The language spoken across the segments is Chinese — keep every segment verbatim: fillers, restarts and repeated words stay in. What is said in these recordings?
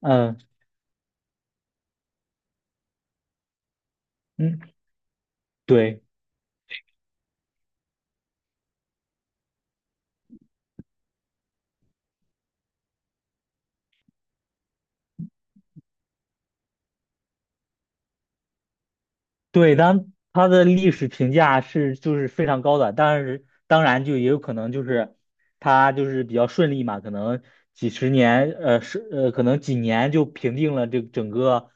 嗯嗯，对对，当它的历史评价是就是非常高的，但是当然就也有可能就是它就是比较顺利嘛，可能几十年，呃是呃可能几年就平定了这整个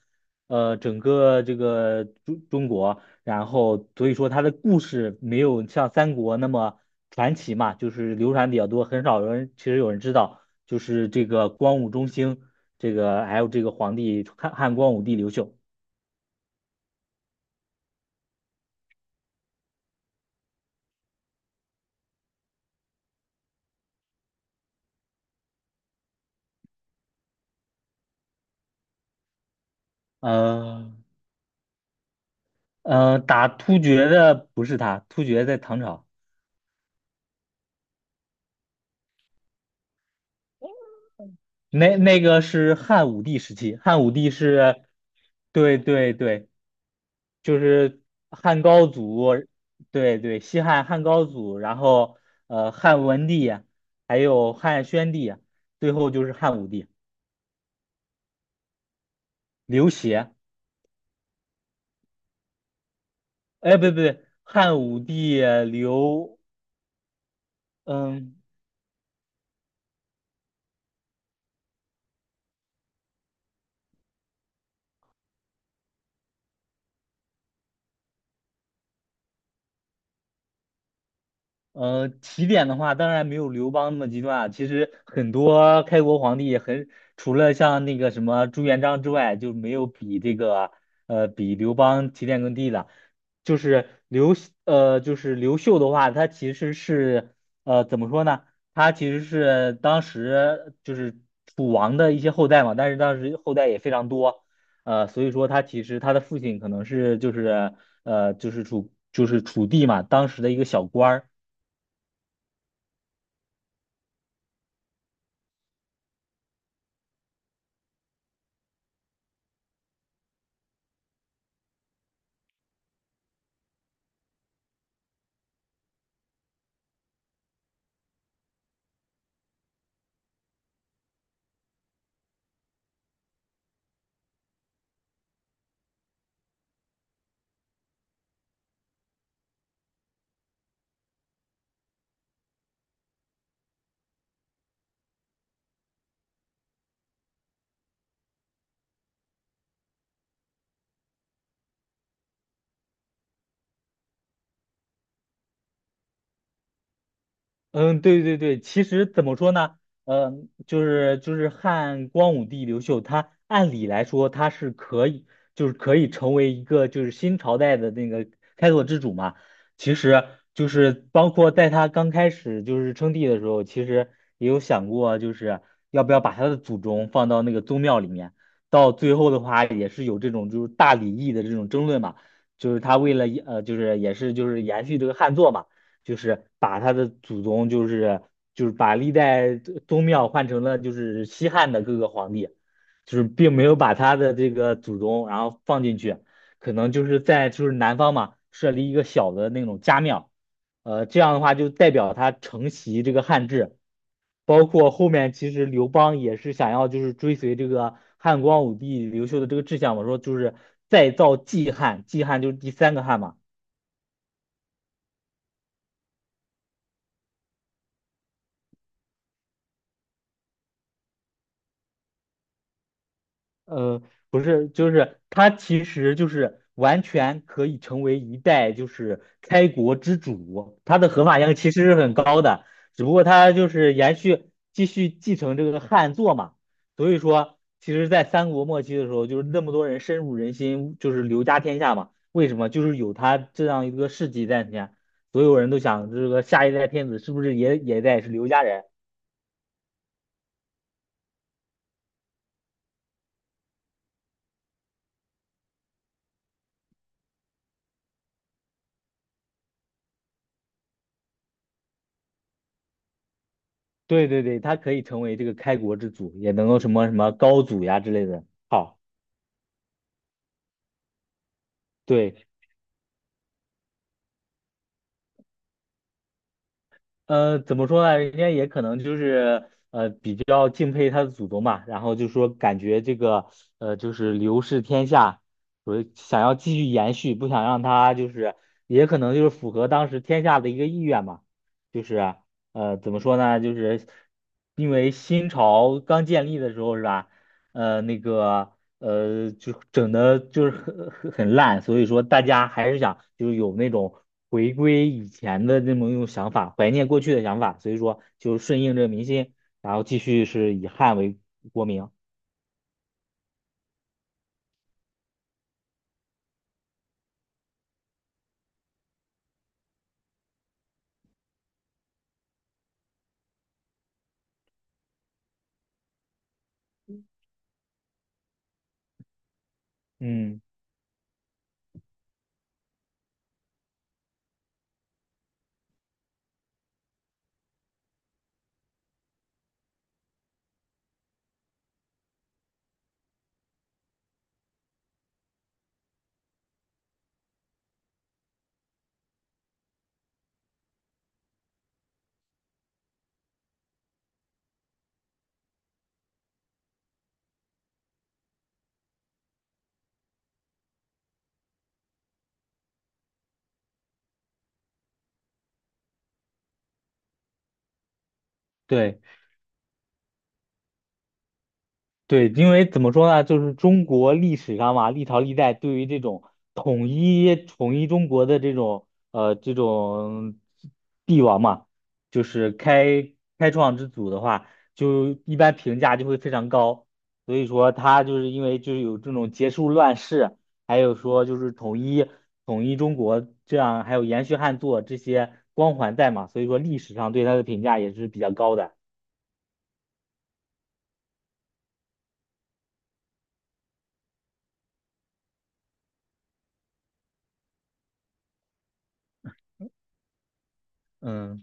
呃整个这个中中国，然后所以说它的故事没有像三国那么传奇嘛，就是流传比较多，很少有人其实有人知道，就是这个光武中兴这个还有这个皇帝汉汉光武帝刘秀。呃呃，打突厥的不是他，突厥在唐朝，那那个是汉武帝时期，汉武帝是，对对对，就是汉高祖，对对，西汉汉高祖，然后呃汉文帝，还有汉宣帝，最后就是汉武帝刘协。哎，不对不对，汉武帝刘，嗯。呃，起点的话，当然没有刘邦那么极端啊。其实很多开国皇帝很，除了像那个什么朱元璋之外，就没有比这个呃比刘邦起点更低的。就是刘呃就是刘秀的话，他其实是呃怎么说呢？他其实是当时就是楚王的一些后代嘛，但是当时后代也非常多，呃，所以说他其实他的父亲可能是就是呃就是楚就是楚地嘛，当时的一个小官儿。嗯，对对对，其实怎么说呢？嗯，就是就是汉光武帝刘秀，他按理来说他是可以，就是可以成为一个就是新朝代的那个开拓之主嘛。其实就是包括在他刚开始就是称帝的时候，其实也有想过就是要不要把他的祖宗放到那个宗庙里面。到最后的话，也是有这种就是大礼义的这种争论嘛，就是他为了呃就是也是就是延续这个汉作嘛。就是把他的祖宗，就是就是把历代宗庙换成了就是西汉的各个皇帝，就是并没有把他的这个祖宗然后放进去，可能就是在就是南方嘛设立一个小的那种家庙，呃，这样的话就代表他承袭这个汉制，包括后面其实刘邦也是想要就是追随这个汉光武帝刘秀的这个志向嘛，说就是再造季汉，季汉就是第三个汉嘛。呃，不是，就是他其实就是完全可以成为一代就是开国之主，他的合法性其实是很高的，只不过他就是延续继续继承这个汉作嘛，所以说其实，在三国末期的时候，就是那么多人深入人心，就是刘家天下嘛，为什么？就是有他这样一个事迹在前，所有人都想这个下一代天子是不是也也得是刘家人，对对对，他可以成为这个开国之祖，也能够什么什么高祖呀之类的。好，对，呃，怎么说呢？人家也可能就是呃比较敬佩他的祖宗嘛，然后就说感觉这个呃就是刘氏天下，所以想要继续延续，不想让他就是也可能就是符合当时天下的一个意愿嘛，就是啊呃怎么说呢？就是因为新朝刚建立的时候是吧？呃，那个呃，就整的就是很很很烂，所以说大家还是想就是有那种回归以前的那么一种想法，怀念过去的想法，所以说就顺应这个民心，然后继续是以汉为国名。嗯，对。对，因为怎么说呢，就是中国历史上嘛，历朝历代对于这种统一统一中国的这种呃这种帝王嘛，就是开开创之祖的话，就一般评价就会非常高。所以说他就是因为就是有这种结束乱世，还有说就是统一统一中国这样，还有延续汉祚这些光环在嘛，所以说历史上对他的评价也是比较高的。嗯。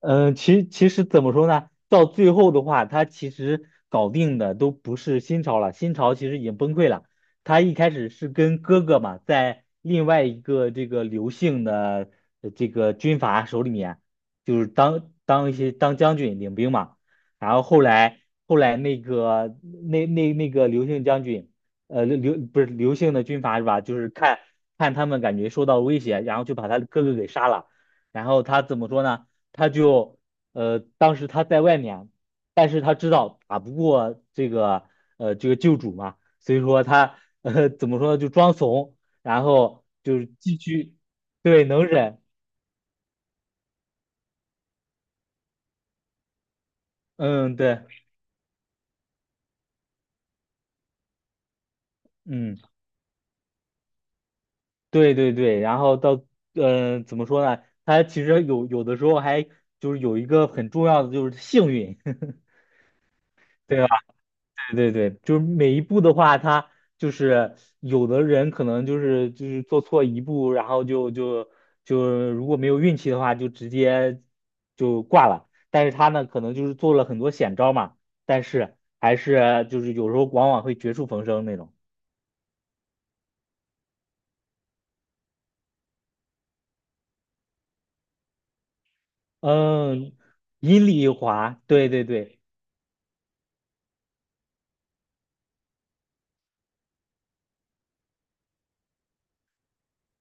嗯，其其实怎么说呢？到最后的话，他其实搞定的都不是新朝了，新朝其实已经崩溃了。他一开始是跟哥哥嘛，在另外一个这个刘姓的呃这个军阀手里面，就是当当一些当将军领兵嘛。然后后来后来那个那那那个刘姓将军，呃刘刘不是刘姓的军阀是吧？就是看看他们感觉受到威胁，然后就把他哥哥给杀了。然后他怎么说呢？他就呃，当时他在外面，但是他知道打不过这个呃这个救主嘛，所以说他呃怎么说呢，就装怂，然后就是继续对能忍，嗯对，嗯对对对，然后到嗯、呃怎么说呢，他其实有有的时候还就是有一个很重要的就是幸运，对吧？对对对，就是每一步的话，他就是有的人可能就是就是做错一步，然后就就就如果没有运气的话，就直接就挂了。但是他呢，可能就是做了很多险招嘛，但是还是就是有时候往往会绝处逢生那种。嗯，阴里一滑，对对对。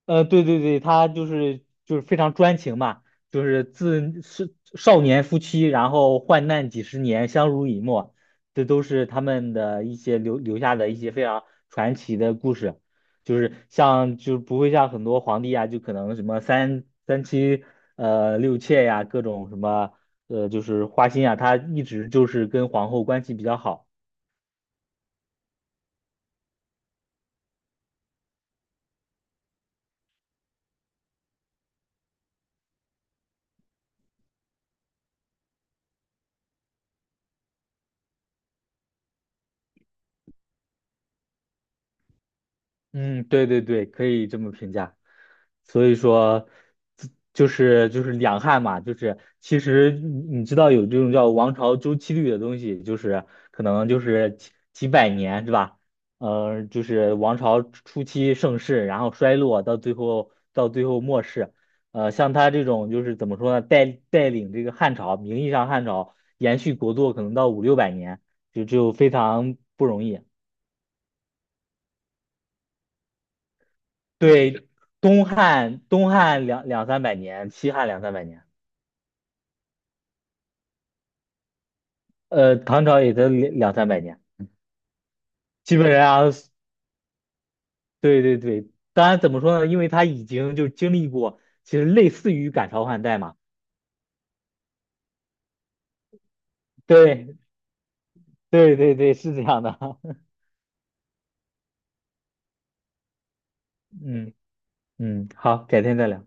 呃，对对对，他就是就是非常专情嘛，就是自是少年夫妻，然后患难几十年，相濡以沫，这都是他们的一些留留下的一些非常传奇的故事，就是像就不会像很多皇帝啊，就可能什么三三妻呃六妾呀、各种什么呃就是花心啊，他一直就是跟皇后关系比较好，嗯，对对对，可以这么评价。所以说，自就是就是两汉嘛，就是其实你你知道有这种叫王朝周期律的东西，就是可能就是几几百年是吧？呃，就是王朝初期盛世，然后衰落，到最后到最后末世。呃，像他这种就是怎么说呢，带带领这个汉朝，名义上汉朝延续国祚可能到五六百年，就就非常不容易。对，东汉东汉两两三百年，西汉两三百年。呃，唐朝也得两两三百年，基本上，对对对。当然，怎么说呢？因为他已经就经历过，其实类似于赶潮换代嘛。对对对对，是这样的。嗯嗯，好，改天再聊。